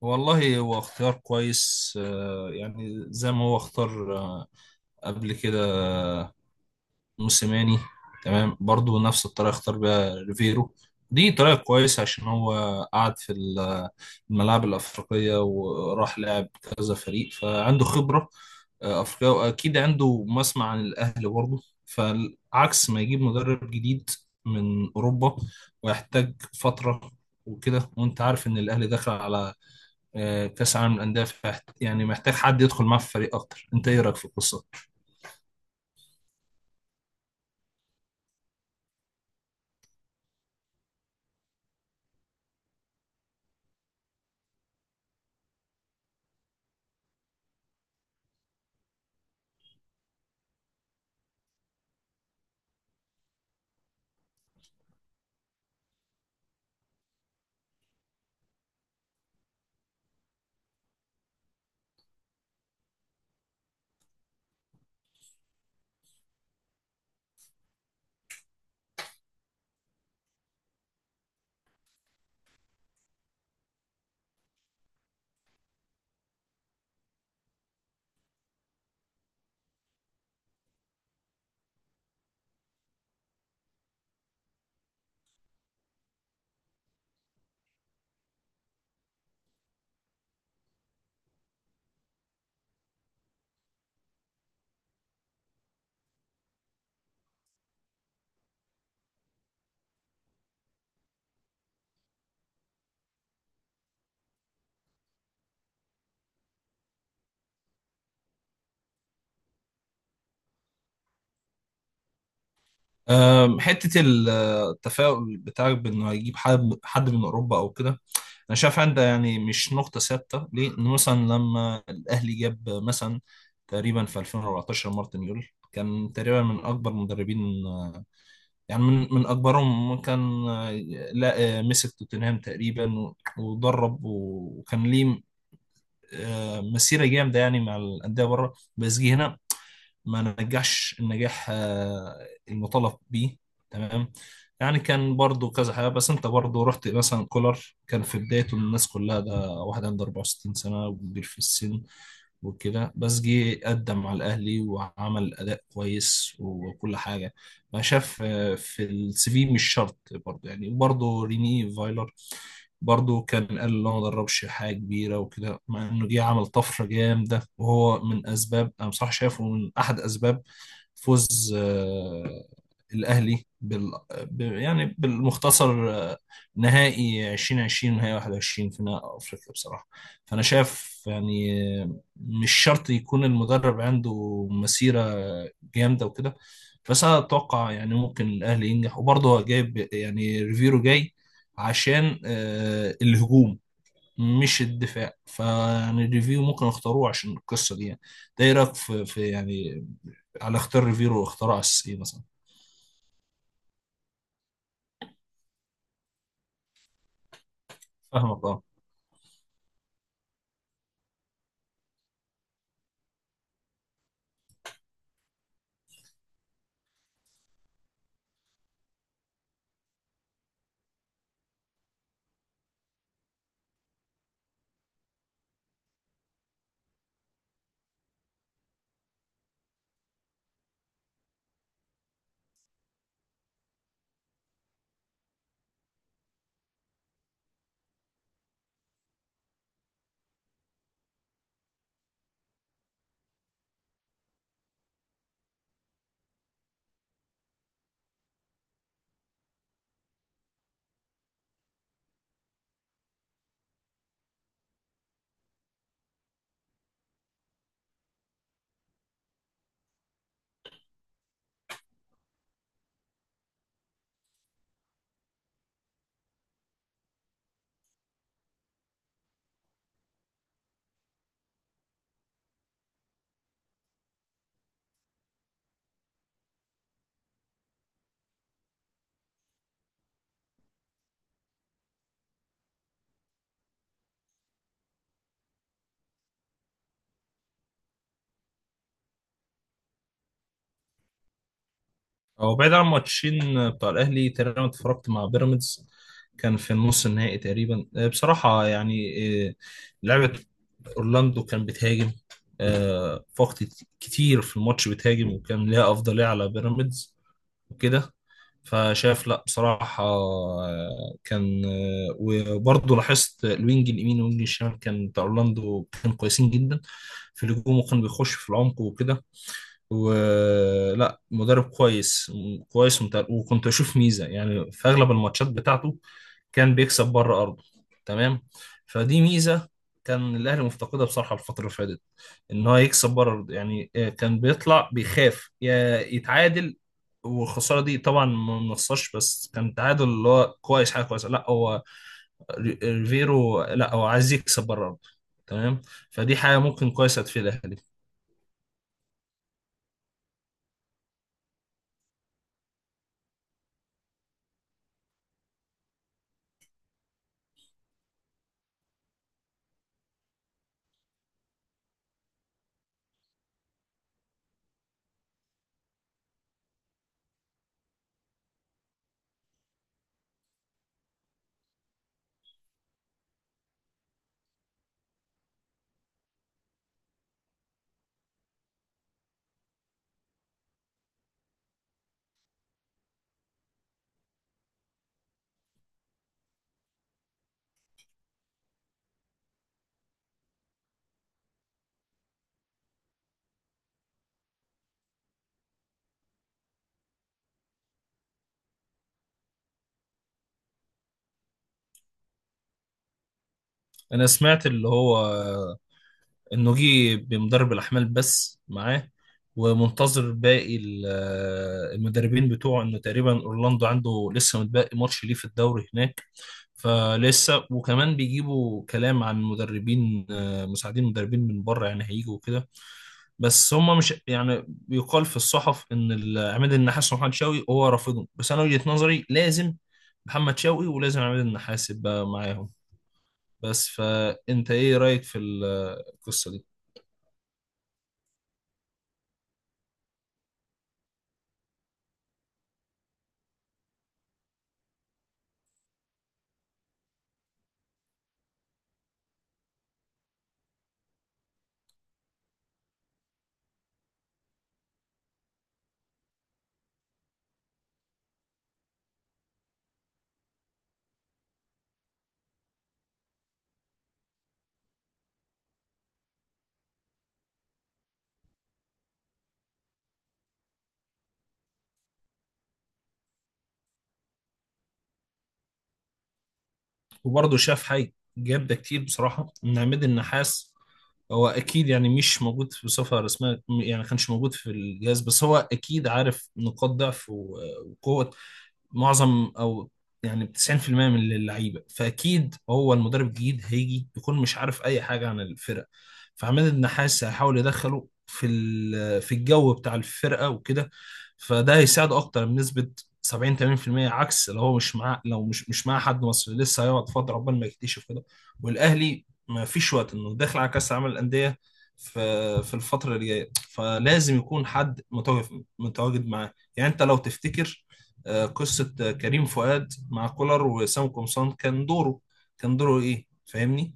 والله هو اختيار كويس، يعني زي ما هو اختار قبل كده موسيماني. تمام، برضو نفس الطريقة اختار بيها ريفيرو. دي طريقة كويسة عشان هو قعد في الملاعب الأفريقية وراح لعب كذا فريق، فعنده خبرة أفريقية، وأكيد عنده مسمع عن الأهلي برضو. فعكس ما يجيب مدرب جديد من أوروبا ويحتاج فترة وكده. وانت عارف ان الاهلي داخل على كاس عالم للانديه، يعني محتاج حد يدخل معاه في فريق اكتر. انت ايه رايك في القصه؟ حته التفاؤل بتاعك بانه هيجيب حد من اوروبا او كده، انا شايف عندك يعني مش نقطه ثابته ليه. ان مثلا لما الاهلي جاب مثلا تقريبا في 2014 مارتن يول، كان تقريبا من اكبر مدربين، يعني من اكبرهم كان. آه، لا آه، مسك توتنهام تقريبا ودرب وكان ليه مسيره جامده يعني مع الانديه بره، بس جه هنا ما نجحش النجاح المطالب بيه. تمام. يعني كان برضو كذا حاجة. بس انت برضو رحت مثلا كولر كان في بدايته، الناس كلها ده واحد عنده 64 سنة وكبير في السن وكده. بس جه قدم على الأهلي وعمل أداء كويس وكل حاجة. ما شاف في السي في مش شرط برضو. يعني برضو ريني فايلر برضه كان قال اللي هو ما دربش حاجة كبيرة وكده، مع إنه جه عمل طفرة جامدة، وهو من أسباب، أنا بصراحة شايفه من أحد أسباب فوز الأهلي يعني بالمختصر نهائي 2020 ونهائي 21 في نهائي أفريقيا بصراحة. فأنا شايف يعني مش شرط يكون المدرب عنده مسيرة جامدة وكده. بس أنا أتوقع يعني ممكن الأهلي ينجح، وبرضه هو جايب، يعني ريفيرو جاي عشان الهجوم مش الدفاع. فيعني ريفيرو ممكن اختاروه عشان القصه دي يعني. ده ايه رايك في, في يعني على اختيار ريفيرو، واختار اساس ايه مثلا؟ فاهمك اه. هو بعيد عن الماتشين بتاع الاهلي، تقريبا اتفرجت مع بيراميدز كان في النص النهائي تقريبا. بصراحه يعني آه، لعبه اورلاندو كان بتهاجم في وقت كتير في الماتش، بتهاجم وكان ليها افضليه على بيراميدز وكده. فشاف، لا بصراحة، آه، كان آه، وبرضه لاحظت الوينج اليمين والوينج الشمال كان بتاع اورلاندو، كان كويسين جدا في الهجوم وكان بيخش في العمق وكده. ولا مدرب كويس، وكنت اشوف ميزه يعني في اغلب الماتشات بتاعته كان بيكسب بره ارضه. تمام. فدي ميزه كان الاهلي مفتقدها بصراحه الفتره اللي فاتت، ان هو يكسب بره ارضه يعني. كان بيطلع بيخاف يا يتعادل، والخساره دي طبعا ما بنخسرش، بس كان تعادل اللي هو كويس، حاجه كويسه. لا هو ريفيرو لا هو عايز يكسب بره ارضه. تمام. فدي حاجه ممكن كويسه تفيد الاهلي. انا سمعت اللي هو النوجي بمدرب الأحمال بس معاه، ومنتظر باقي المدربين بتوعه. إنه تقريبا أورلاندو عنده لسه متبقي ماتش ليه في الدوري هناك. فلسه، وكمان بيجيبوا كلام عن مدربين مساعدين، مدربين من بره يعني هيجوا وكده. بس هم مش، يعني بيقال في الصحف ان عماد النحاس ومحمد شوقي هو رافضهم. بس انا وجهة نظري لازم محمد شوقي ولازم عماد النحاس يبقى معاهم. بس فانت ايه رأيك في القصة دي؟ وبرضه شاف حاجة، جاب ده كتير بصراحة من عماد النحاس. هو أكيد يعني مش موجود في صفة رسمية، يعني ما كانش موجود في الجهاز، بس هو أكيد عارف نقاط ضعف وقوة معظم، او يعني 90% من اللعيبه. فاكيد هو المدرب الجديد هيجي يكون مش عارف اي حاجه عن الفرقه. فعماد النحاس هيحاول يدخله في الجو بتاع الفرقه وكده. فده هيساعده اكتر بنسبه 70 80%، عكس لو هو مش معاه. لو مش معاه حد مصري، لسه هيقعد فتره عقبال ما يكتشف كده. والاهلي ما فيش وقت، انه داخل على كاس العالم للانديه في في الفتره اللي جايه. فلازم يكون حد متواجد، متواجد معاه يعني. انت لو تفتكر قصة كريم فؤاد مع كولر وسام قمصان، كان دوره، كان دوره ايه، فاهمني؟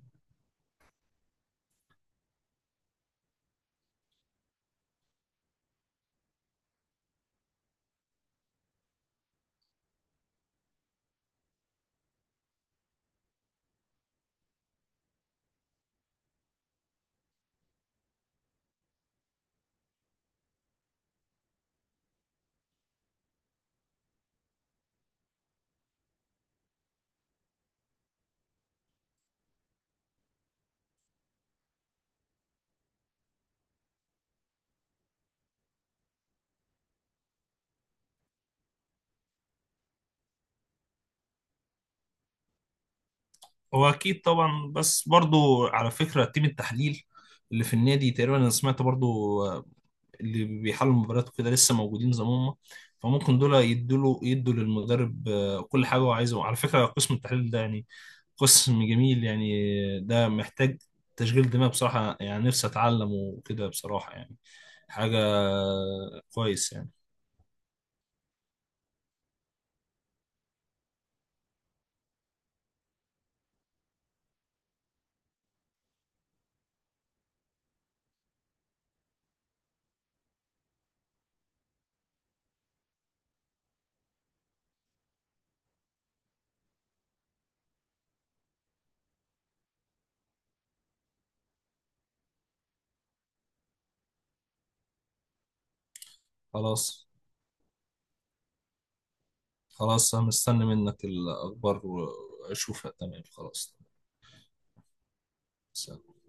هو اكيد طبعا. بس برضو على فكرة تيم التحليل اللي في النادي تقريبا، انا سمعت برضو اللي بيحلوا المباريات وكده لسه موجودين زي ما هم. فممكن دول يدوا للمدرب كل حاجة هو عايزه. على فكرة قسم التحليل ده يعني قسم جميل يعني، ده محتاج تشغيل دماغ بصراحة يعني، نفسي اتعلم وكده بصراحة يعني حاجة. كويس يعني. خلاص. خلاص أنا مستني منك الأخبار وأشوفها. تمام، خلاص. سلام.